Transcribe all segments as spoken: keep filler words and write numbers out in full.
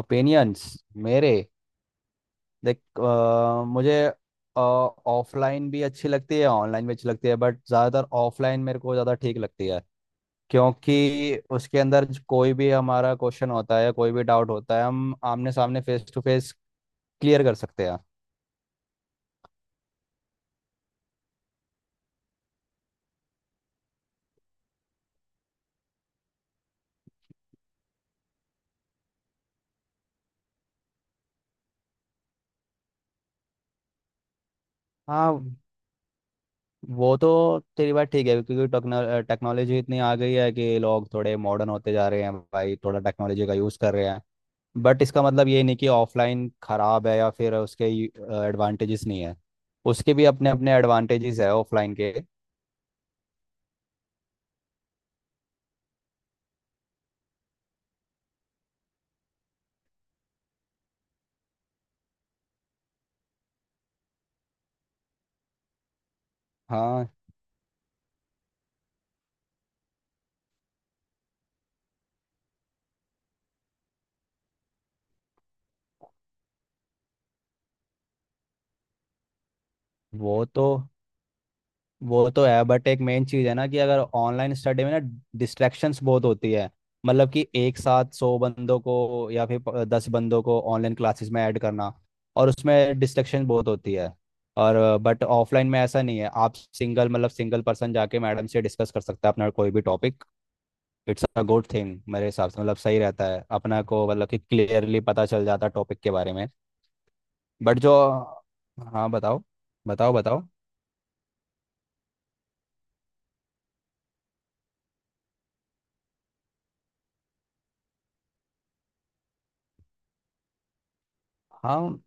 Opinions? मेरे? देख, अ, मुझे ऑफलाइन भी अच्छी लगती है, ऑनलाइन भी अच्छी लगती है, बट ज़्यादातर ऑफलाइन मेरे को ज़्यादा ठीक लगती है। क्योंकि उसके अंदर ज- कोई भी हमारा क्वेश्चन होता है, कोई भी डाउट होता है, हम आमने सामने फेस टू फेस क्लियर कर सकते हैं। हाँ, वो तो तेरी बात ठीक है, क्योंकि टेक्नो टेक्नोलॉजी इतनी आ गई है कि लोग थोड़े मॉडर्न होते जा रहे हैं, भाई थोड़ा टेक्नोलॉजी का यूज़ कर रहे हैं। बट इसका मतलब ये नहीं कि ऑफलाइन खराब है या फिर उसके एडवांटेजेस नहीं है, उसके भी अपने अपने एडवांटेजेस है ऑफलाइन के। हाँ। वो तो वो तो है, बट एक मेन चीज़ है ना कि अगर ऑनलाइन स्टडी में ना डिस्ट्रैक्शंस बहुत होती है, मतलब कि एक साथ सौ बंदों को या फिर प- दस बंदों को ऑनलाइन क्लासेस में ऐड करना, और उसमें डिस्ट्रैक्शन बहुत होती है। और बट ऑफलाइन में ऐसा नहीं है, आप सिंगल मतलब सिंगल पर्सन जाके मैडम से डिस्कस कर सकता है अपना कोई भी topic. It's a good thing मेरे हिसाब से, मतलब सही रहता है अपना को, मतलब कि क्लियरली पता चल जाता है टॉपिक के बारे में। बट जो। हाँ, बताओ। बताओ बताओ। हाँ,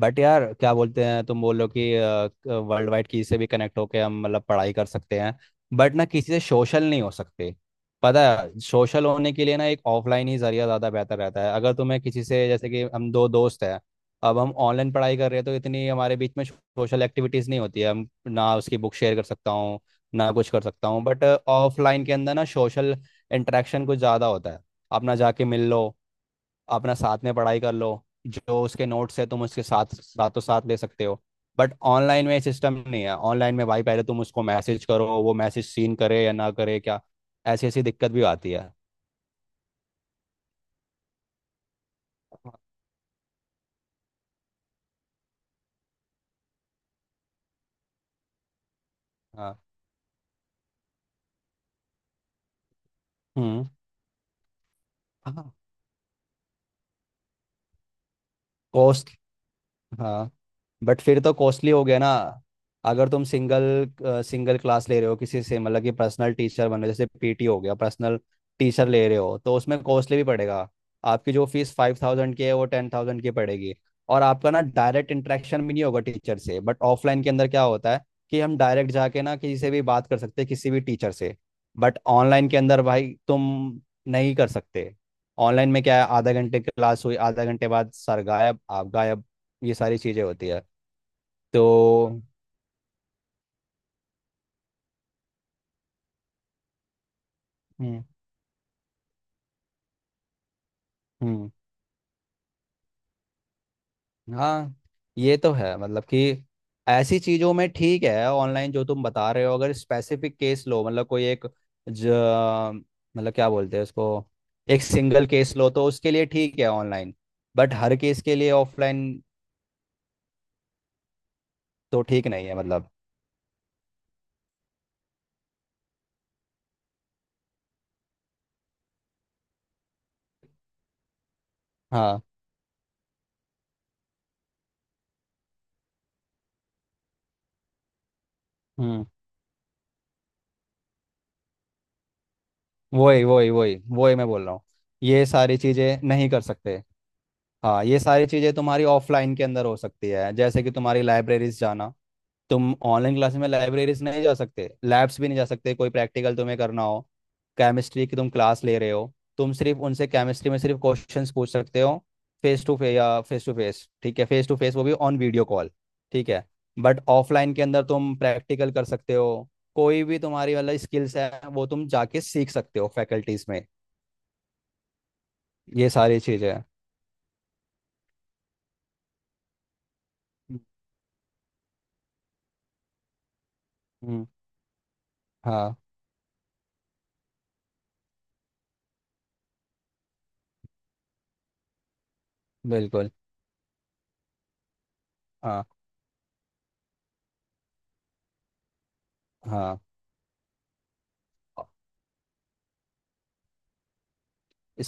बट यार क्या बोलते हैं, तुम बोल रहे हो कि वर्ल्ड वाइड किसी से भी कनेक्ट होके हम मतलब पढ़ाई कर सकते हैं, बट ना किसी से सोशल नहीं हो सकते। पता है, सोशल होने के लिए ना एक ऑफलाइन ही जरिया ज़्यादा बेहतर रहता है, अगर तुम्हें किसी से जैसे कि हम दो दोस्त हैं, अब हम ऑनलाइन पढ़ाई कर रहे हैं, तो इतनी हमारे बीच में सोशल एक्टिविटीज़ नहीं होती है, हम ना उसकी बुक शेयर कर सकता हूँ, ना कुछ कर सकता हूँ। बट ऑफलाइन के अंदर ना सोशल इंटरेक्शन कुछ ज़्यादा होता है, अपना जाके मिल लो, अपना साथ में पढ़ाई कर लो, जो उसके नोट्स है तुम उसके साथ साथों साथ ले सकते हो। बट ऑनलाइन में सिस्टम नहीं है, ऑनलाइन में भाई पहले तुम उसको मैसेज करो, वो मैसेज सीन करे या ना करे क्या, ऐसी ऐसी दिक्कत भी आती है। हाँ। हम्म। हाँ। कॉस्ट। हाँ। बट फिर तो कॉस्टली हो गया ना। अगर तुम सिंगल सिंगल क्लास ले रहे हो किसी से, मतलब कि पर्सनल टीचर बन रहे हो, जैसे पीटी हो गया, पर्सनल टीचर ले रहे हो, तो उसमें कॉस्टली भी पड़ेगा, आपकी जो फीस फाइव थाउजेंड की है वो टेन थाउजेंड की पड़ेगी, और आपका ना डायरेक्ट इंटरेक्शन भी नहीं होगा टीचर से। बट ऑफलाइन के अंदर क्या होता है कि हम डायरेक्ट जाके ना किसी से भी बात कर सकते हैं किसी भी टीचर से, बट ऑनलाइन के अंदर भाई तुम नहीं कर सकते। ऑनलाइन में क्या है, आधा घंटे क्लास हुई, आधा घंटे बाद सर गायब आप गायब, ये सारी चीज़ें होती है। तो। हम्म। हम्म। हाँ, ये तो है, मतलब कि ऐसी चीजों में ठीक है ऑनलाइन, जो तुम बता रहे हो, अगर स्पेसिफिक केस लो, मतलब कोई एक, ज मतलब क्या बोलते हैं उसको, एक सिंगल केस लो, तो उसके लिए ठीक है ऑनलाइन, बट हर केस के लिए ऑफलाइन तो ठीक नहीं है, मतलब। हाँ। हम्म। वही वही वही वही मैं बोल रहा हूँ, ये सारी चीजें नहीं कर सकते। हाँ, ये सारी चीजें तुम्हारी ऑफलाइन के अंदर हो सकती है, जैसे कि तुम्हारी लाइब्रेरीज जाना, तुम ऑनलाइन क्लास में लाइब्रेरीज नहीं जा सकते, लैब्स भी नहीं जा सकते, कोई प्रैक्टिकल तुम्हें करना हो, केमिस्ट्री की तुम क्लास ले रहे हो, तुम सिर्फ उनसे केमिस्ट्री में सिर्फ क्वेश्चंस पूछ सकते हो फेस टू फेस, या फेस टू फेस ठीक है, फेस टू फेस वो भी ऑन वीडियो कॉल ठीक है। बट ऑफलाइन के अंदर तुम प्रैक्टिकल कर सकते हो, कोई भी तुम्हारी वाला स्किल्स है वो तुम जाके सीख सकते हो फैकल्टीज में, ये सारी चीज़ें हैं। हम्म। हाँ, बिल्कुल। हाँ। हाँ।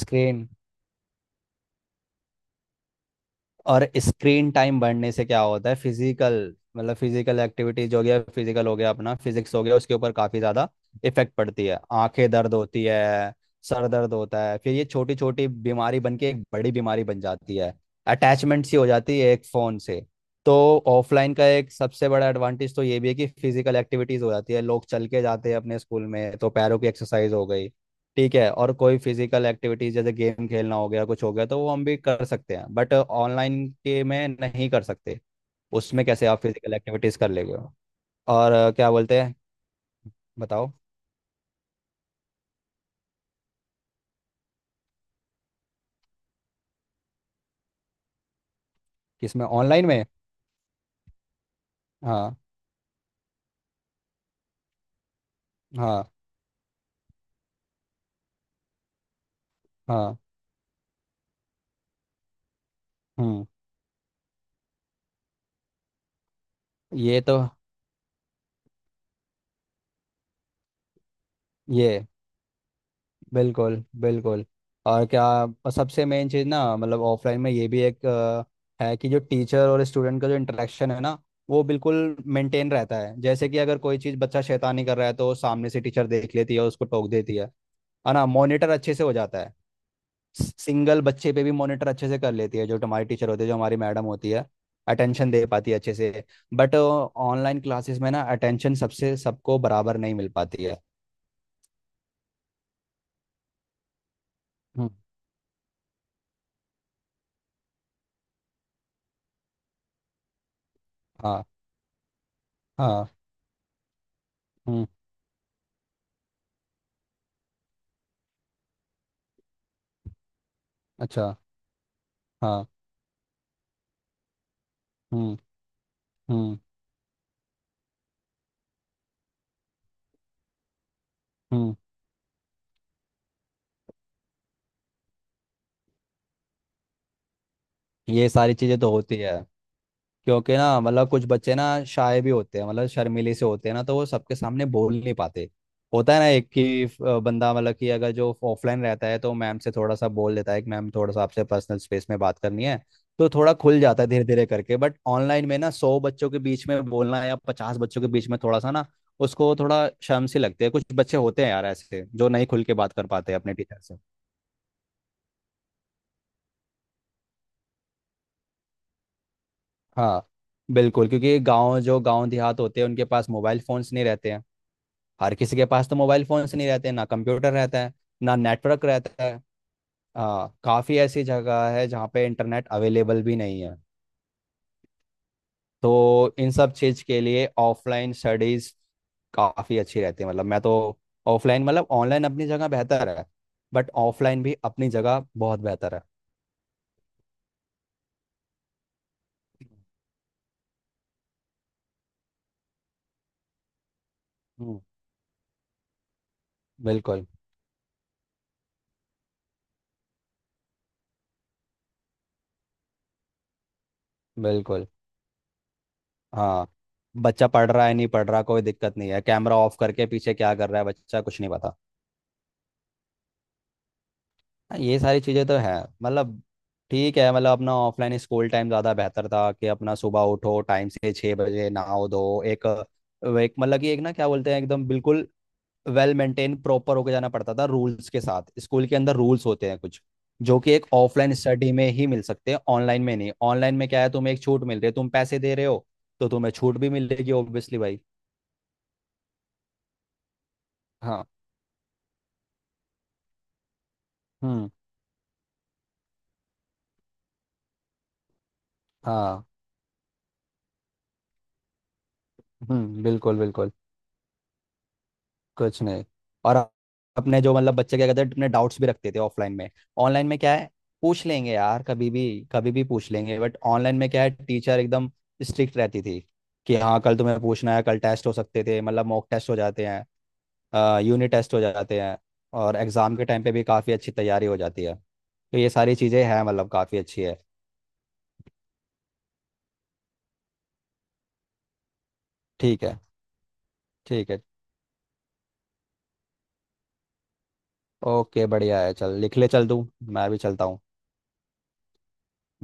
स्क्रीन। और स्क्रीन टाइम बढ़ने से क्या होता है, फिजिकल मतलब फिजिकल एक्टिविटीज हो गया, फिजिकल हो गया, अपना फिजिक्स हो गया, उसके ऊपर काफी ज्यादा इफेक्ट पड़ती है, आंखें दर्द होती है, सर दर्द होता है, फिर ये छोटी छोटी बीमारी बन के एक बड़ी बीमारी बन जाती है, अटैचमेंट सी हो जाती है एक फोन से। तो ऑफलाइन का एक सबसे बड़ा एडवांटेज तो ये भी है कि फिजिकल एक्टिविटीज हो जाती है, लोग चल के जाते हैं अपने स्कूल में, तो पैरों की एक्सरसाइज हो गई, ठीक है, और कोई फिजिकल एक्टिविटीज जैसे गेम खेलना हो गया कुछ हो गया, तो वो हम भी कर सकते हैं, बट ऑनलाइन के में नहीं कर सकते, उसमें कैसे आप फिजिकल एक्टिविटीज कर लेंगे। और अ, क्या बोलते हैं, बताओ। किसमें, ऑनलाइन में? हाँ। हाँ। हाँ। हम्म। ये तो। ये। बिल्कुल बिल्कुल। और क्या, और सबसे मेन चीज़ ना, मतलब ऑफलाइन में ये भी एक अ, है, कि जो टीचर और स्टूडेंट का जो इंटरेक्शन है ना, वो बिल्कुल मेंटेन रहता है, जैसे कि अगर कोई चीज़ बच्चा शैतानी कर रहा है तो सामने से टीचर देख लेती है और उसको टोक देती है है ना, मॉनिटर अच्छे से हो जाता है, सिंगल बच्चे पे भी मॉनिटर अच्छे से कर लेती है, जो हमारी टीचर होती है, जो हमारी मैडम होती है, अटेंशन दे पाती है अच्छे से। बट ऑनलाइन क्लासेस में ना अटेंशन सबसे सबको बराबर नहीं मिल पाती है। हम्म। हाँ। हाँ। हम्म। अच्छा। हाँ। हम्म। हम्म। हम्म। ये सारी चीजें तो होती है, क्योंकि ना मतलब कुछ बच्चे ना शाय भी होते हैं, मतलब शर्मीले से होते हैं ना, तो वो सबके सामने बोल नहीं पाते, होता है ना एक कि अ, बंदा मतलब कि अगर जो ऑफलाइन रहता है तो मैम से थोड़ा सा बोल देता है कि मैम थोड़ा सा आपसे पर्सनल स्पेस में बात करनी है, तो थोड़ा खुल जाता है धीरे धीरे करके। बट ऑनलाइन में ना सौ बच्चों के बीच में बोलना या पचास बच्चों के बीच में थोड़ा सा ना, उसको थोड़ा शर्म सी लगती है, कुछ बच्चे होते हैं यार ऐसे जो नहीं खुल के बात कर पाते अपने टीचर। हाँ, बिल्कुल, क्योंकि गांव, जो गांव देहात होते हैं, उनके पास मोबाइल फोन्स नहीं रहते हैं, हर किसी के पास तो मोबाइल फोन्स नहीं रहते हैं, ना कंप्यूटर रहता है, ना नेटवर्क रहता है। हाँ, काफ़ी ऐसी जगह है जहाँ पे इंटरनेट अवेलेबल भी नहीं है, तो इन सब चीज़ के लिए ऑफलाइन स्टडीज़ काफ़ी अच्छी रहती है, मतलब मैं तो, ऑफलाइन मतलब ऑनलाइन अपनी जगह बेहतर है, बट ऑफलाइन भी अपनी जगह बहुत बेहतर है। हम्म, बिल्कुल बिल्कुल। हाँ। बच्चा पढ़ रहा है नहीं पढ़ रहा कोई दिक्कत नहीं है, कैमरा ऑफ करके पीछे क्या कर रहा है बच्चा कुछ नहीं पता। हाँ, ये सारी चीज़ें तो है, मतलब, ठीक है, मतलब अपना ऑफलाइन स्कूल टाइम ज़्यादा बेहतर था, कि अपना सुबह उठो टाइम से छः बजे नहाओ धो, एक एक मतलब कि एक ना क्या बोलते हैं एकदम बिल्कुल वेल मेंटेन प्रॉपर होके जाना पड़ता था, रूल्स के साथ, स्कूल के अंदर रूल्स होते हैं कुछ, जो कि एक ऑफलाइन स्टडी में ही मिल सकते हैं ऑनलाइन में नहीं। ऑनलाइन में क्या है, तुम्हें एक छूट मिल रही है तुम पैसे दे रहे हो, तो तुम्हें छूट भी मिलेगी, ऑब्वियसली भाई। हाँ। हम्म। हाँ। हम्म। बिल्कुल बिल्कुल। कुछ नहीं। और अपने जो मतलब बच्चे क्या कहते हैं, अपने डाउट्स भी रखते थे ऑफलाइन में। ऑनलाइन में क्या है, पूछ लेंगे यार, कभी भी कभी भी पूछ लेंगे। बट ऑनलाइन में क्या है, टीचर एकदम स्ट्रिक्ट रहती थी, कि हाँ कल तुम्हें पूछना है, कल टेस्ट हो सकते थे, मतलब मॉक टेस्ट हो जाते हैं, यूनिट टेस्ट हो जाते हैं, और एग्ज़ाम के टाइम पे भी काफ़ी अच्छी तैयारी हो जाती है, तो ये सारी चीज़ें हैं, मतलब काफ़ी अच्छी है। ठीक है। ठीक है, ओके, बढ़िया है, चल लिख ले, चल तू, मैं भी चलता हूँ।